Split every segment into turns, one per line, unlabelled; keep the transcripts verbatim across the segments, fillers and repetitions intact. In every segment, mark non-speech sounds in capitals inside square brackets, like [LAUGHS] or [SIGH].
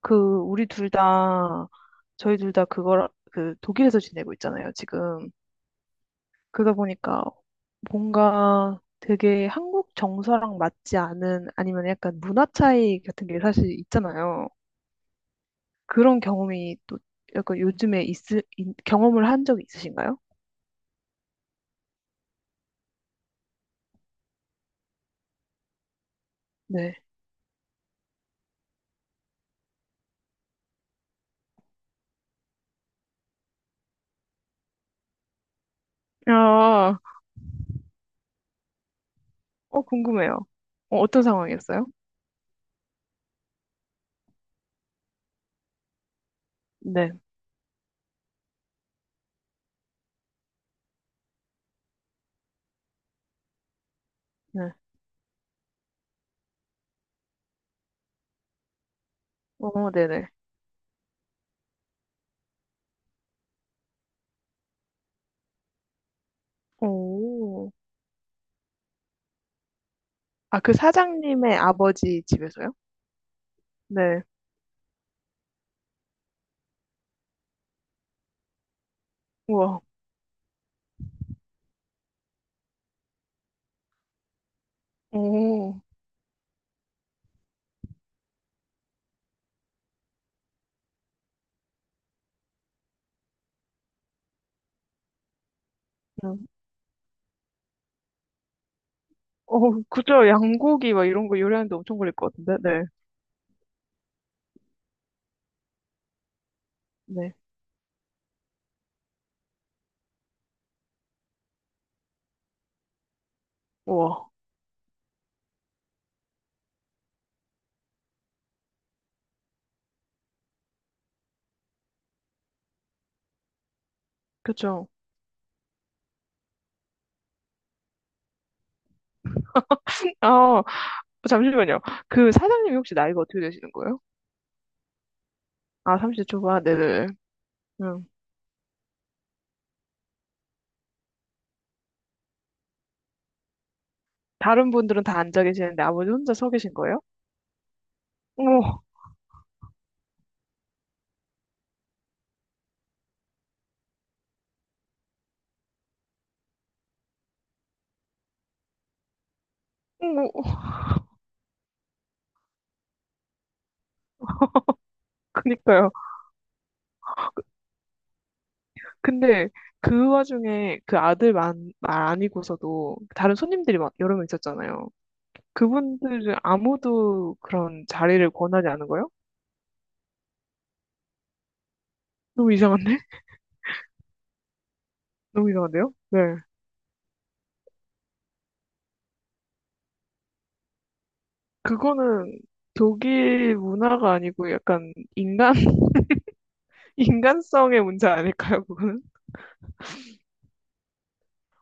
그 우리 둘 다, 저희 둘 다 그걸 그 독일에서 지내고 있잖아요, 지금. 그러다 보니까 뭔가 되게 한국 정서랑 맞지 않은 아니면 약간 문화 차이 같은 게 사실 있잖아요. 그런 경험이 또 약간 요즘에 있, 있 경험을 한 적이 있으신가요? 네. 아, 어, 궁금해요. 어, 어떤 상황이었어요? 네. 네. 어, 네네. 오. 아, 그 사장님의 아버지 집에서요? 네. 우와. 오. 응. 어, 그죠. 양고기 막 이런 거 요리하는데 엄청 걸릴 것 같은데. 네. 네. 우와. 그쵸. 아, 잠시만요. 그 사장님이 혹시 나이가 어떻게 되시는 거예요? 아, 삼십 대 초반. 네네. 음. 다른 분들은 다 앉아 계시는데 아버지 혼자 서 계신 거예요? 어머, 어머, 그니까요. 근데 그 와중에 그 아들 만, 말 아니고서도 다른 손님들이 막 여러 명 있었잖아요. 그분들은 아무도 그런 자리를 권하지 않은 거예요? 너무 이상한데? [LAUGHS] 너무 이상한데요? 네. 그거는 독일 문화가 아니고 약간 인간, [LAUGHS] 인간성의 문제 아닐까요, 그거는?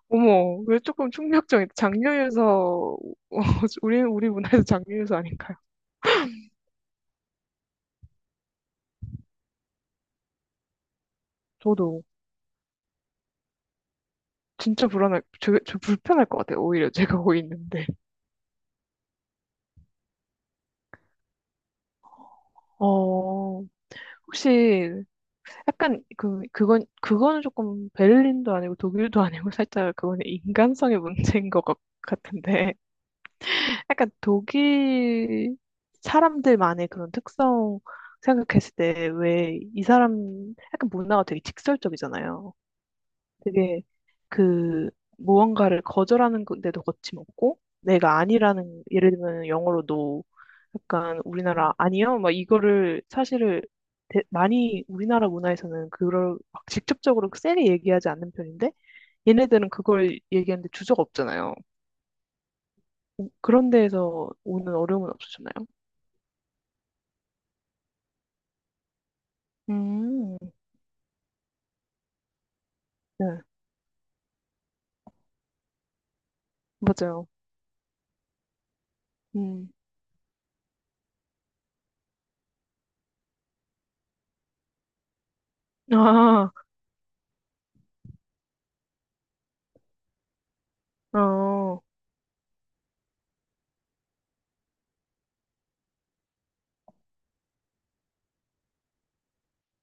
어머, 왜 조금 충격적인, 장류유서, [LAUGHS] 우리, 우리 문화에서 장류유서 아닌가요? 저도 진짜 불안할, 저, 저 불편할 것 같아요, 오히려 제가 거기 있는데. 어, 혹시 약간 그, 그건, 그거는 조금 베를린도 아니고 독일도 아니고 살짝 그거는 인간성의 문제인 것 같- 같은데. 약간 독일 사람들만의 그런 특성 생각했을 때 왜 이 사람 약간 문화가 되게 직설적이잖아요. 되게 그 무언가를 거절하는 데도 거침없고 내가 아니라는 예를 들면 영어로도 약간 우리나라 아니요 막 이거를 사실을 대- 많이 우리나라 문화에서는 그걸 막 직접적으로 세게 얘기하지 않는 편인데 얘네들은 그걸 얘기하는데 주저가 없잖아요. 오- 그런 데에서 오는 어려움은 없으셨나요? 음, 네. 맞아요. 음. 아, 어.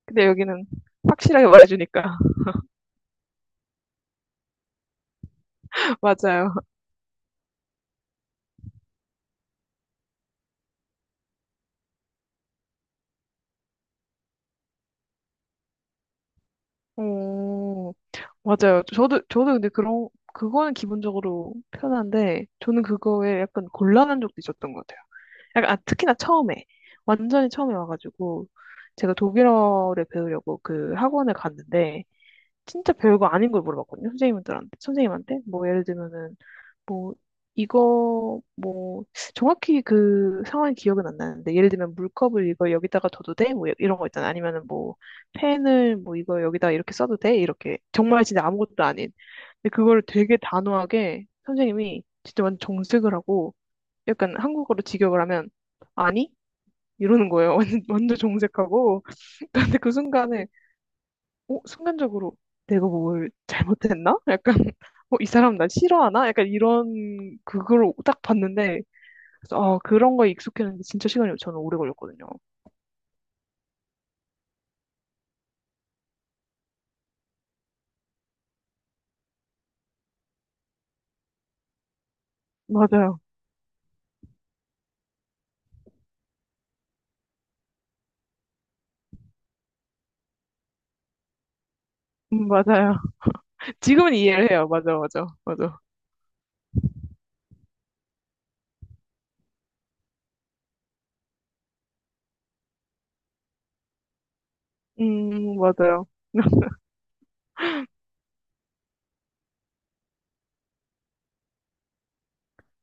근데 여기는 확실하게 말해주니까. [LAUGHS] 맞아요. 오, 맞아요. 저도, 저도 근데 그런, 그거는 기본적으로 편한데, 저는 그거에 약간 곤란한 적도 있었던 것 같아요. 약간, 아, 특히나 처음에. 완전히 처음에 와가지고, 제가 독일어를 배우려고 그 학원을 갔는데, 진짜 별거 아닌 걸 물어봤거든요. 선생님들한테, 선생님한테. 뭐, 예를 들면은, 뭐, 이거, 뭐, 정확히 그 상황이 기억은 안 나는데, 예를 들면 물컵을 이거 여기다가 둬도 돼? 뭐, 이런 거 있잖아. 아니면은 뭐, 펜을 뭐, 이거 여기다가 이렇게 써도 돼? 이렇게. 정말 진짜 아무것도 아닌. 근데 그거를 되게 단호하게 선생님이 진짜 완전 정색을 하고, 약간 한국어로 직역을 하면, 아니? 이러는 거예요. [LAUGHS] 완전, 완전 정색하고. [LAUGHS] 근데 그 순간에 어, 순간적으로 내가 뭘 잘못했나? 약간, [LAUGHS] 어, 이 사람 나 싫어하나? 약간 이런, 그걸 딱 봤는데, 그래서, 아, 그런 거에 익숙했는데 진짜 시간이 저는 오래 걸렸거든요. 맞아요. 음, 맞아요. [LAUGHS] 지금은 이해를 해요. 맞아, 맞아, 맞아. 음, 맞아요.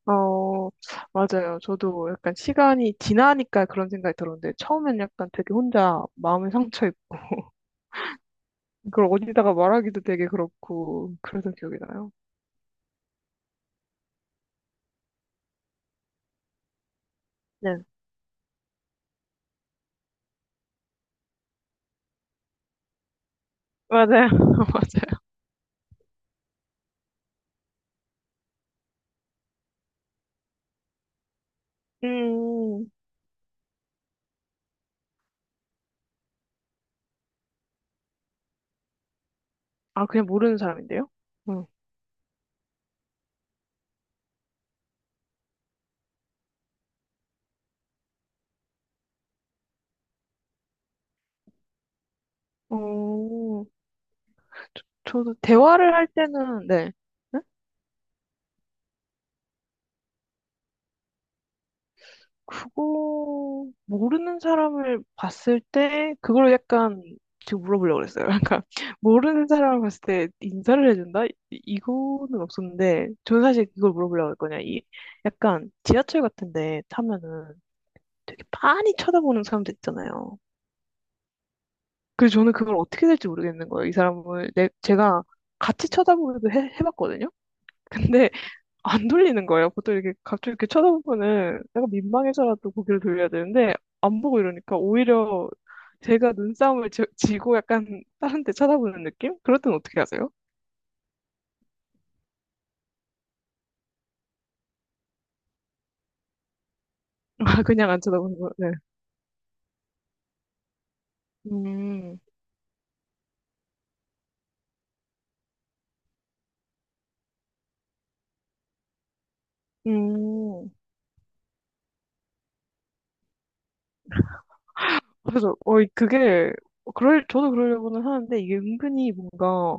어, 맞아요. 저도 약간 시간이 지나니까 그런 생각이 들었는데, 처음엔 약간 되게 혼자 마음에 상처 입고, 그걸 어디다가 말하기도 되게 그렇고, 그래서 기억이 나요. 네. 맞아요. [LAUGHS] 맞아요. 음. 아, 그냥 모르는 사람인데요? 응. 어, 저, 도 대화를 할 때는, 네. 응? 그거, 모르는 사람을 봤을 때, 그걸 약간, 지금 물어보려고 그랬어요. [LAUGHS] 약간, 모르는 사람을 봤을 때 인사를 해준다? 이- 이거는 없었는데, 저는 사실 그걸 물어보려고 했거든요. 이, 약간, 지하철 같은데 타면은 되게 빤히 쳐다보는 사람들 있잖아요. 그래서 저는 그걸 어떻게 될지 모르겠는 거예요. 이 사람을, 내, 제가 같이 쳐다보기도 해, 해봤거든요? 근데, 안 돌리는 거예요. 보통 이렇게 갑자기 이렇게 쳐다보면은 내가 민망해서라도 고개를 돌려야 되는데 안 보고 이러니까 오히려 제가 눈싸움을 지, 지고 약간 다른 데 쳐다보는 느낌? 그럴 땐 어떻게 하세요? [LAUGHS] 아, 그냥 안 쳐다보는 거. 네. 음. 음. 그래서 어 이- 그게 그럴 저도 그러려고는 하는데 이게 은근히 뭔가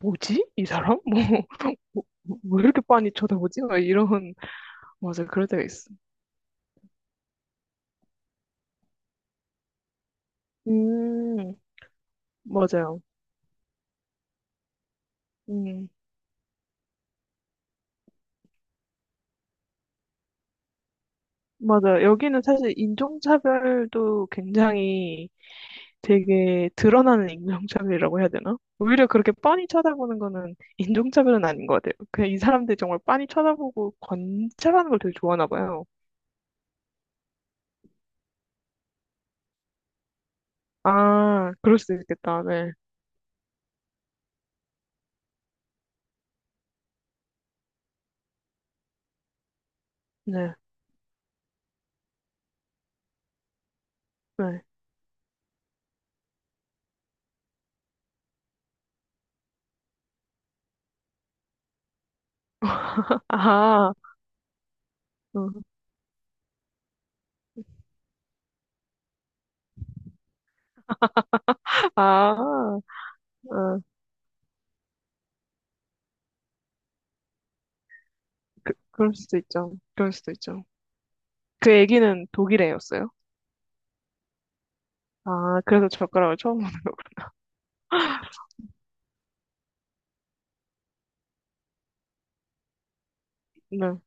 뭐지? 이 사람? [LAUGHS] 뭐, 뭐, 왜 이렇게 빤히 쳐다보지? 막 이런 맞아 그럴 때가 있어. 음. 맞아요. 음. 맞아요. 여기는 사실 인종차별도 굉장히 되게 드러나는 인종차별이라고 해야 되나? 오히려 그렇게 뻔히 쳐다보는 거는 인종차별은 아닌 것 같아요. 그냥 이 사람들이 정말 빤히 쳐다보고 관찰하는 걸 되게 좋아하나 봐요. 아, 그럴 수도 있겠다. 네. 네. 네. [LAUGHS] 아, 음. 아, 어, 그럴 수도 있죠. 그럴 수도 있죠. 그 애기는 독일 애였어요. 아, 그래서 젓가락을 처음 보는 거구나. 네.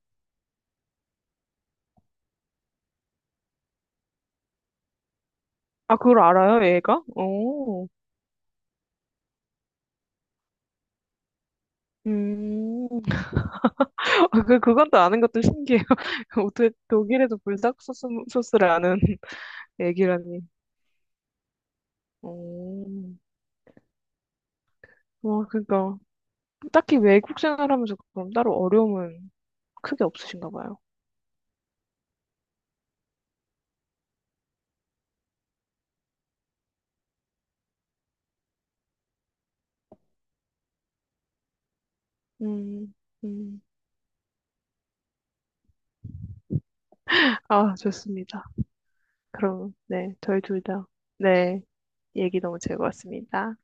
아, 그걸 알아요, 애가? 오. 음, [LAUGHS] 아, 그, 그건 또 아는 것도 신기해요. [LAUGHS] 어떻게 독일에도 불닭 소스, 소스를 아는 [LAUGHS] 얘기라니. 오, 와, 그러니까. 딱히 외국 생활하면서 그럼 따로 어려움은 크게 없으신가 봐요. 음, 음. 아, 좋습니다. 그럼, 네, 저희 둘 다, 네, 얘기 너무 즐거웠습니다.